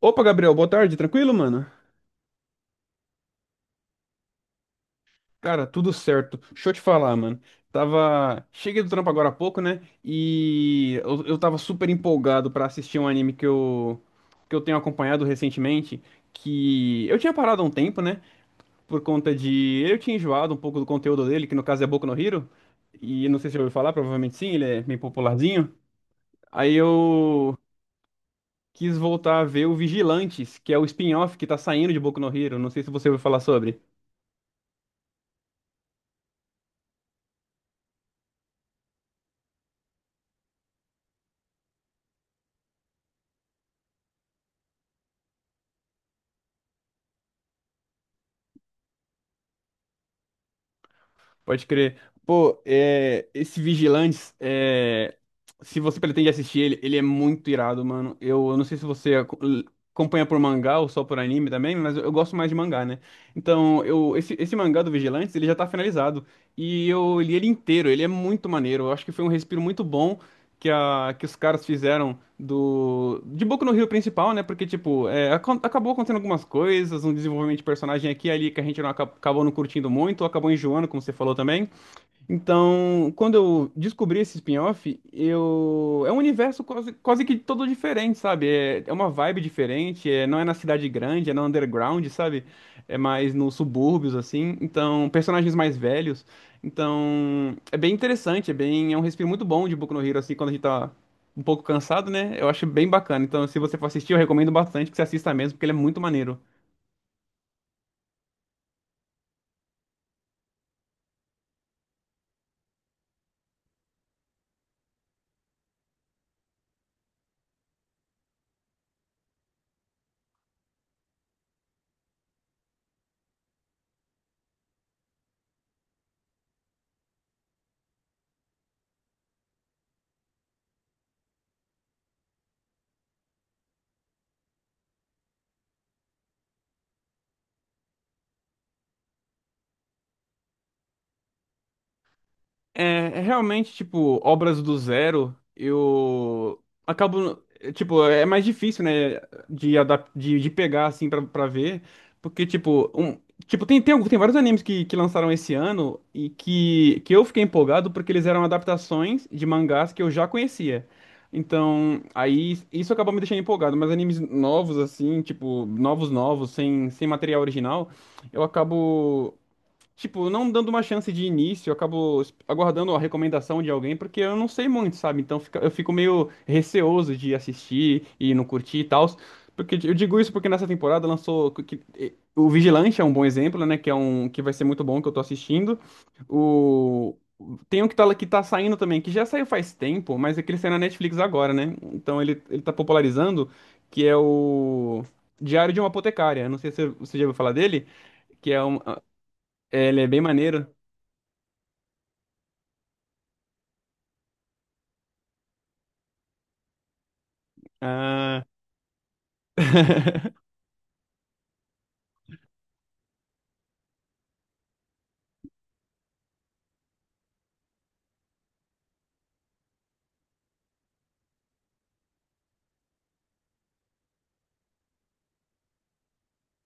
Opa, Gabriel, boa tarde, tranquilo, mano? Cara, tudo certo. Deixa eu te falar, mano. Tava. Cheguei do trampo agora há pouco, né? E eu tava super empolgado pra assistir um anime que eu tenho acompanhado recentemente. Que eu tinha parado há um tempo, né? Por conta de. Eu tinha enjoado um pouco do conteúdo dele, que no caso é Boku no Hero. E não sei se eu ouviu falar, provavelmente sim, ele é bem popularzinho. Aí eu quis voltar a ver o Vigilantes, que é o spin-off que tá saindo de Boku no Hero. Não sei se você ouviu falar sobre. Pode crer. Pô, é, esse Vigilantes, é, se você pretende assistir ele, ele é muito irado, mano. Eu não sei se você acompanha por mangá ou só por anime também, mas eu gosto mais de mangá, né? Então, eu, esse mangá do Vigilantes, ele já tá finalizado. E eu li ele inteiro, ele é muito maneiro. Eu acho que foi um respiro muito bom que os caras fizeram do de Boku no Rio principal, né? Porque, tipo, é, acabou acontecendo algumas coisas, um desenvolvimento de personagem aqui e ali que a gente acabou não curtindo muito, ou acabou enjoando, como você falou também. Então, quando eu descobri esse spin-off, eu é um universo quase, quase que todo diferente, sabe? É, é uma vibe diferente, é... não é na cidade grande, é no underground, sabe? É mais nos subúrbios, assim. Então, personagens mais velhos. Então, é bem interessante, é bem é um respiro muito bom de Boku no Hero, assim, quando a gente tá um pouco cansado, né? Eu acho bem bacana. Então, se você for assistir, eu recomendo bastante que você assista mesmo, porque ele é muito maneiro. É, é realmente, tipo, obras do zero, eu acabo, é, tipo, é mais difícil, né, de pegar, assim, pra ver, porque, tipo, um, tipo tem vários animes que lançaram esse ano e que eu fiquei empolgado porque eles eram adaptações de mangás que eu já conhecia. Então, aí, isso acabou me deixando empolgado, mas animes novos, assim, tipo, novos, novos, sem material original, eu acabo. Tipo, não dando uma chance de início, eu acabo aguardando a recomendação de alguém, porque eu não sei muito, sabe? Eu fico meio receoso de assistir e não curtir e tal. Porque eu digo isso porque nessa temporada lançou. O Vigilante é um bom exemplo, né? Que é um que vai ser muito bom que eu tô assistindo. O. Tem um que tá, que tá saindo também, que já saiu faz tempo, mas é que ele saiu na Netflix agora, né? Então ele tá popularizando, que é o Diário de uma Apotecária. Não sei se você já ouviu falar dele, que é um, é, ele é bem maneiro. Ah,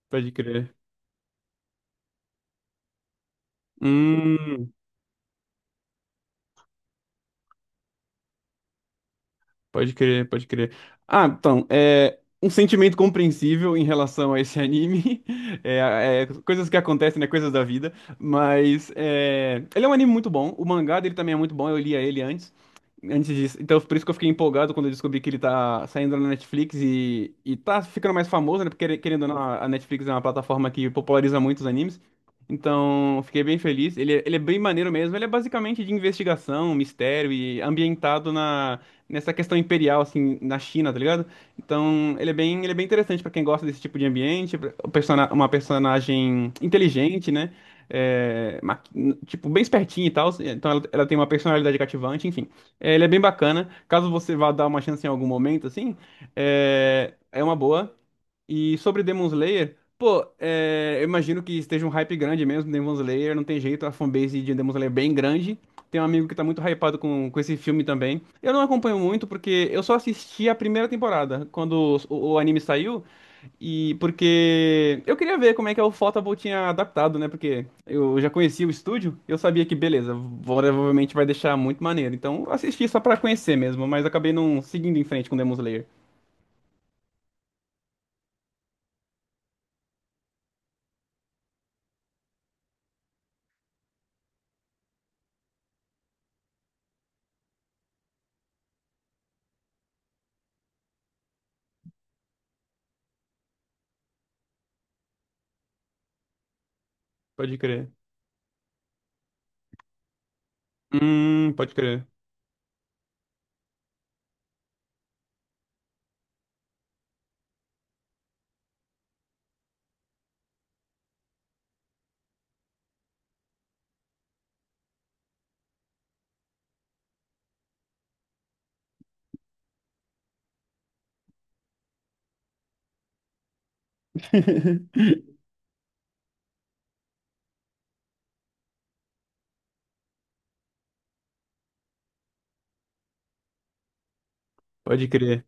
pode crer. Hum, Pode crer, pode crer. Ah, então, é um sentimento compreensível em relação a esse anime. É, é, coisas que acontecem, né? Coisas da vida. Mas é, ele é um anime muito bom. O mangá dele também é muito bom. Eu lia ele antes, antes disso. Então, por isso que eu fiquei empolgado quando eu descobri que ele tá saindo na Netflix e tá ficando mais famoso, né? Porque, querendo ou não, a Netflix é uma plataforma que populariza muitos animes. Então, eu fiquei bem feliz. Ele é bem maneiro mesmo. Ele é basicamente de investigação, mistério e ambientado na nessa questão imperial, assim, na China, tá ligado? Então, ele é bem interessante pra quem gosta desse tipo de ambiente, uma personagem inteligente, né? É, ma- tipo, bem espertinha e tal. Então, ela tem uma personalidade cativante, enfim. É, ele é bem bacana. Caso você vá dar uma chance em algum momento, assim, é, é uma boa. E sobre Demon Slayer, pô, é, eu imagino que esteja um hype grande mesmo, Demon Slayer, não tem jeito, a fanbase de Demon Slayer é bem grande. Tem um amigo que tá muito hypado com esse filme também. Eu não acompanho muito porque eu só assisti a primeira temporada, quando o anime saiu, e porque eu queria ver como é que o Photable tinha adaptado, né? Porque eu já conhecia o estúdio, eu sabia que, beleza, provavelmente vai deixar muito maneiro. Então eu assisti só pra conhecer mesmo, mas acabei não seguindo em frente com Demon Slayer. Pode crer. Pode crer. Pode crer,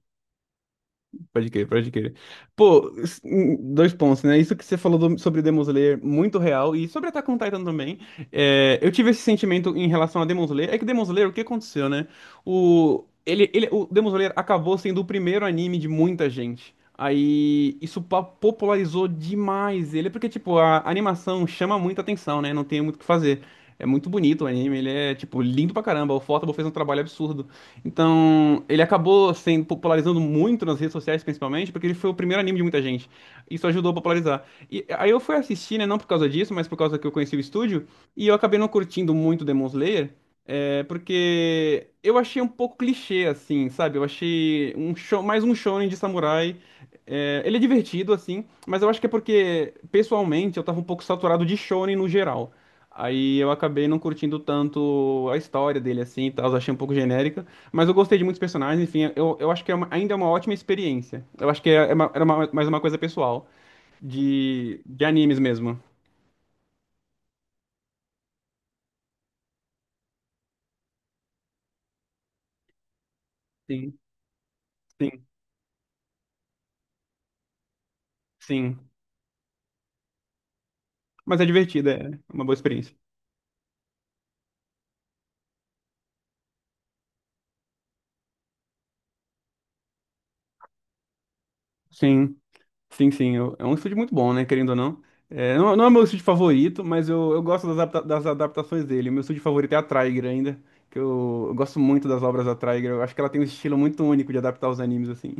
pode crer, pode crer. Pô, dois pontos, né? Isso que você falou sobre Demon Slayer, muito real, e sobre Attack on Titan também. É, eu tive esse sentimento em relação a Demon Slayer. É que Demon Slayer, o que aconteceu, né? O Demon Slayer acabou sendo o primeiro anime de muita gente. Aí popularizou demais ele, porque, tipo, a animação chama muita atenção, né? Não tem muito o que fazer. É muito bonito o anime, ele é, tipo, lindo pra caramba. O fotobo fez um trabalho absurdo. Então, ele acabou sendo popularizando muito nas redes sociais, principalmente, porque ele foi o primeiro anime de muita gente. Isso ajudou a popularizar. E aí eu fui assistir, né, não por causa disso, mas por causa que eu conheci o estúdio, e eu acabei não curtindo muito Demon Slayer, é, porque eu achei um pouco clichê, assim, sabe? Eu achei um show, mais um shonen de samurai. É, ele é divertido, assim, mas eu acho que é porque, pessoalmente, eu tava um pouco saturado de shonen no geral. Aí eu acabei não curtindo tanto a história dele, assim, e tal, eu achei um pouco genérica. Mas eu gostei de muitos personagens, enfim, eu acho que é ainda é uma ótima experiência. Eu acho que é, é mais uma coisa pessoal, de animes mesmo. Sim, sim, sim. Mas é divertido, é uma boa experiência. Sim, sim, sim. É um estúdio muito bom, né, querendo ou não. É, não, não é meu estúdio favorito, mas eu gosto das adaptações dele. Meu estúdio favorito é a Trigger ainda, que eu gosto muito das obras da Trigger. Eu acho que ela tem um estilo muito único de adaptar os animes, assim.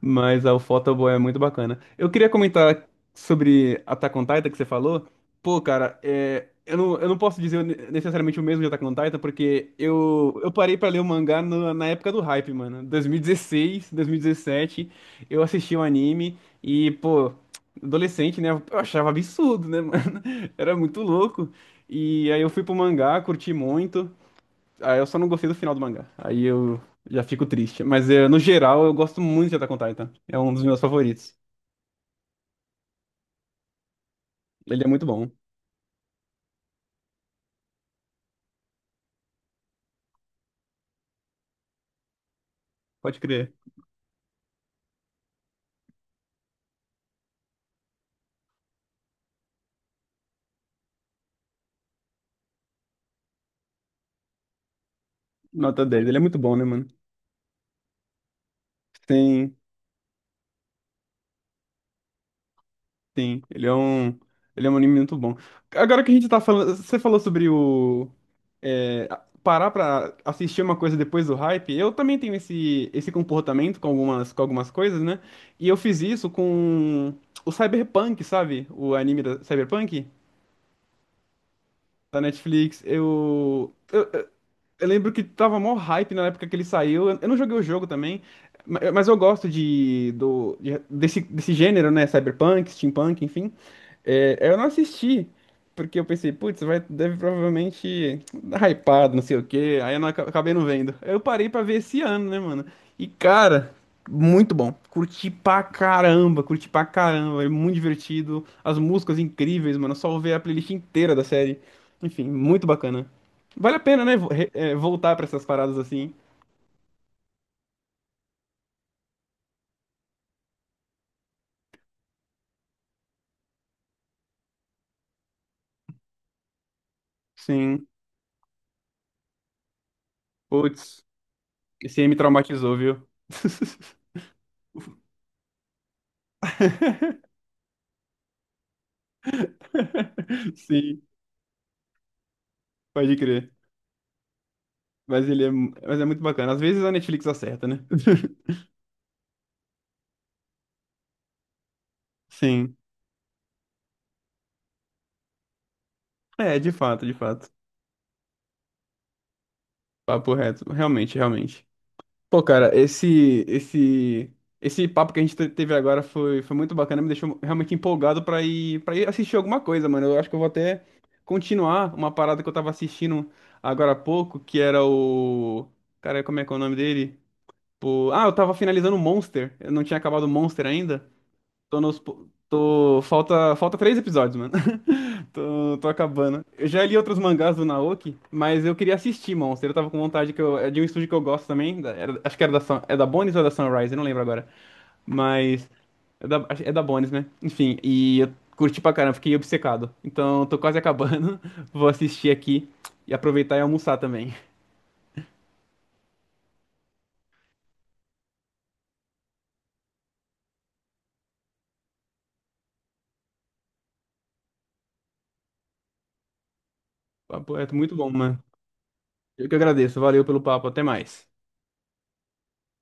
Mas ah, o Photoboy é muito bacana. Eu queria comentar sobre Attack on Titan que você falou. Pô, cara, é, eu não posso dizer necessariamente o mesmo de Attack on Titan, porque eu parei pra ler o mangá na época do hype, mano. 2016, 2017, eu assisti o anime e, pô, adolescente, né? Eu achava absurdo, né, mano? Era muito louco. E aí eu fui pro mangá, curti muito. Ah, eu só não gostei do final do mangá. Aí eu já fico triste. Mas no geral, eu gosto muito de Attack on Titan. É um dos meus favoritos. Ele é muito bom. Pode crer. Nota 10. Ele é muito bom, né, mano? Sim, sim. Ele é um anime muito bom. Agora que a gente tá falando. Você falou sobre o. eh, parar pra assistir uma coisa depois do hype. Eu também tenho esse comportamento com com algumas coisas, né? E eu fiz isso com o Cyberpunk, sabe? O anime da Cyberpunk da Netflix. Eu lembro que tava mó hype na época que ele saiu. Eu não joguei o jogo também, mas eu gosto desse, desse gênero, né? Cyberpunk, steampunk, enfim. É, eu não assisti, porque eu pensei, putz, vai, deve provavelmente dar hypado, não sei o quê. Aí eu não, aca- acabei não vendo. Eu parei pra ver esse ano, né, mano? E cara, muito bom. Curti pra caramba, curti pra caramba. É muito divertido. As músicas incríveis, mano. Só ouvir a playlist inteira da série. Enfim, muito bacana. Vale a pena, né? Voltar pra essas paradas assim. Sim. Putz, esse aí me traumatizou, viu? Sim, pode crer. Mas ele é, mas é muito bacana. Às vezes a Netflix acerta, né? Sim. É, de fato, de fato. Papo reto. Realmente, realmente. Pô, cara, esse papo que a gente teve agora foi, foi muito bacana, me deixou realmente empolgado pra ir para ir assistir alguma coisa, mano. Eu acho que eu vou até continuar uma parada que eu tava assistindo agora há pouco, que era o cara, como é que é o nome dele? Pô, ah, eu tava finalizando o Monster. Eu não tinha acabado o Monster ainda. Tô falta três episódios, mano. Tô acabando. Eu já li outros mangás do Naoki, mas eu queria assistir Monster. Eu tava com vontade que eu, é de um estúdio que eu gosto também. Acho que era é da Bones ou é da Sunrise, eu não lembro agora. Mas é da, é da Bones, né? Enfim, e eu curti pra caramba, fiquei obcecado. Então tô quase acabando. Vou assistir aqui e aproveitar e almoçar também. Papo reto, muito bom, mano. Eu que agradeço. Valeu pelo papo, até mais.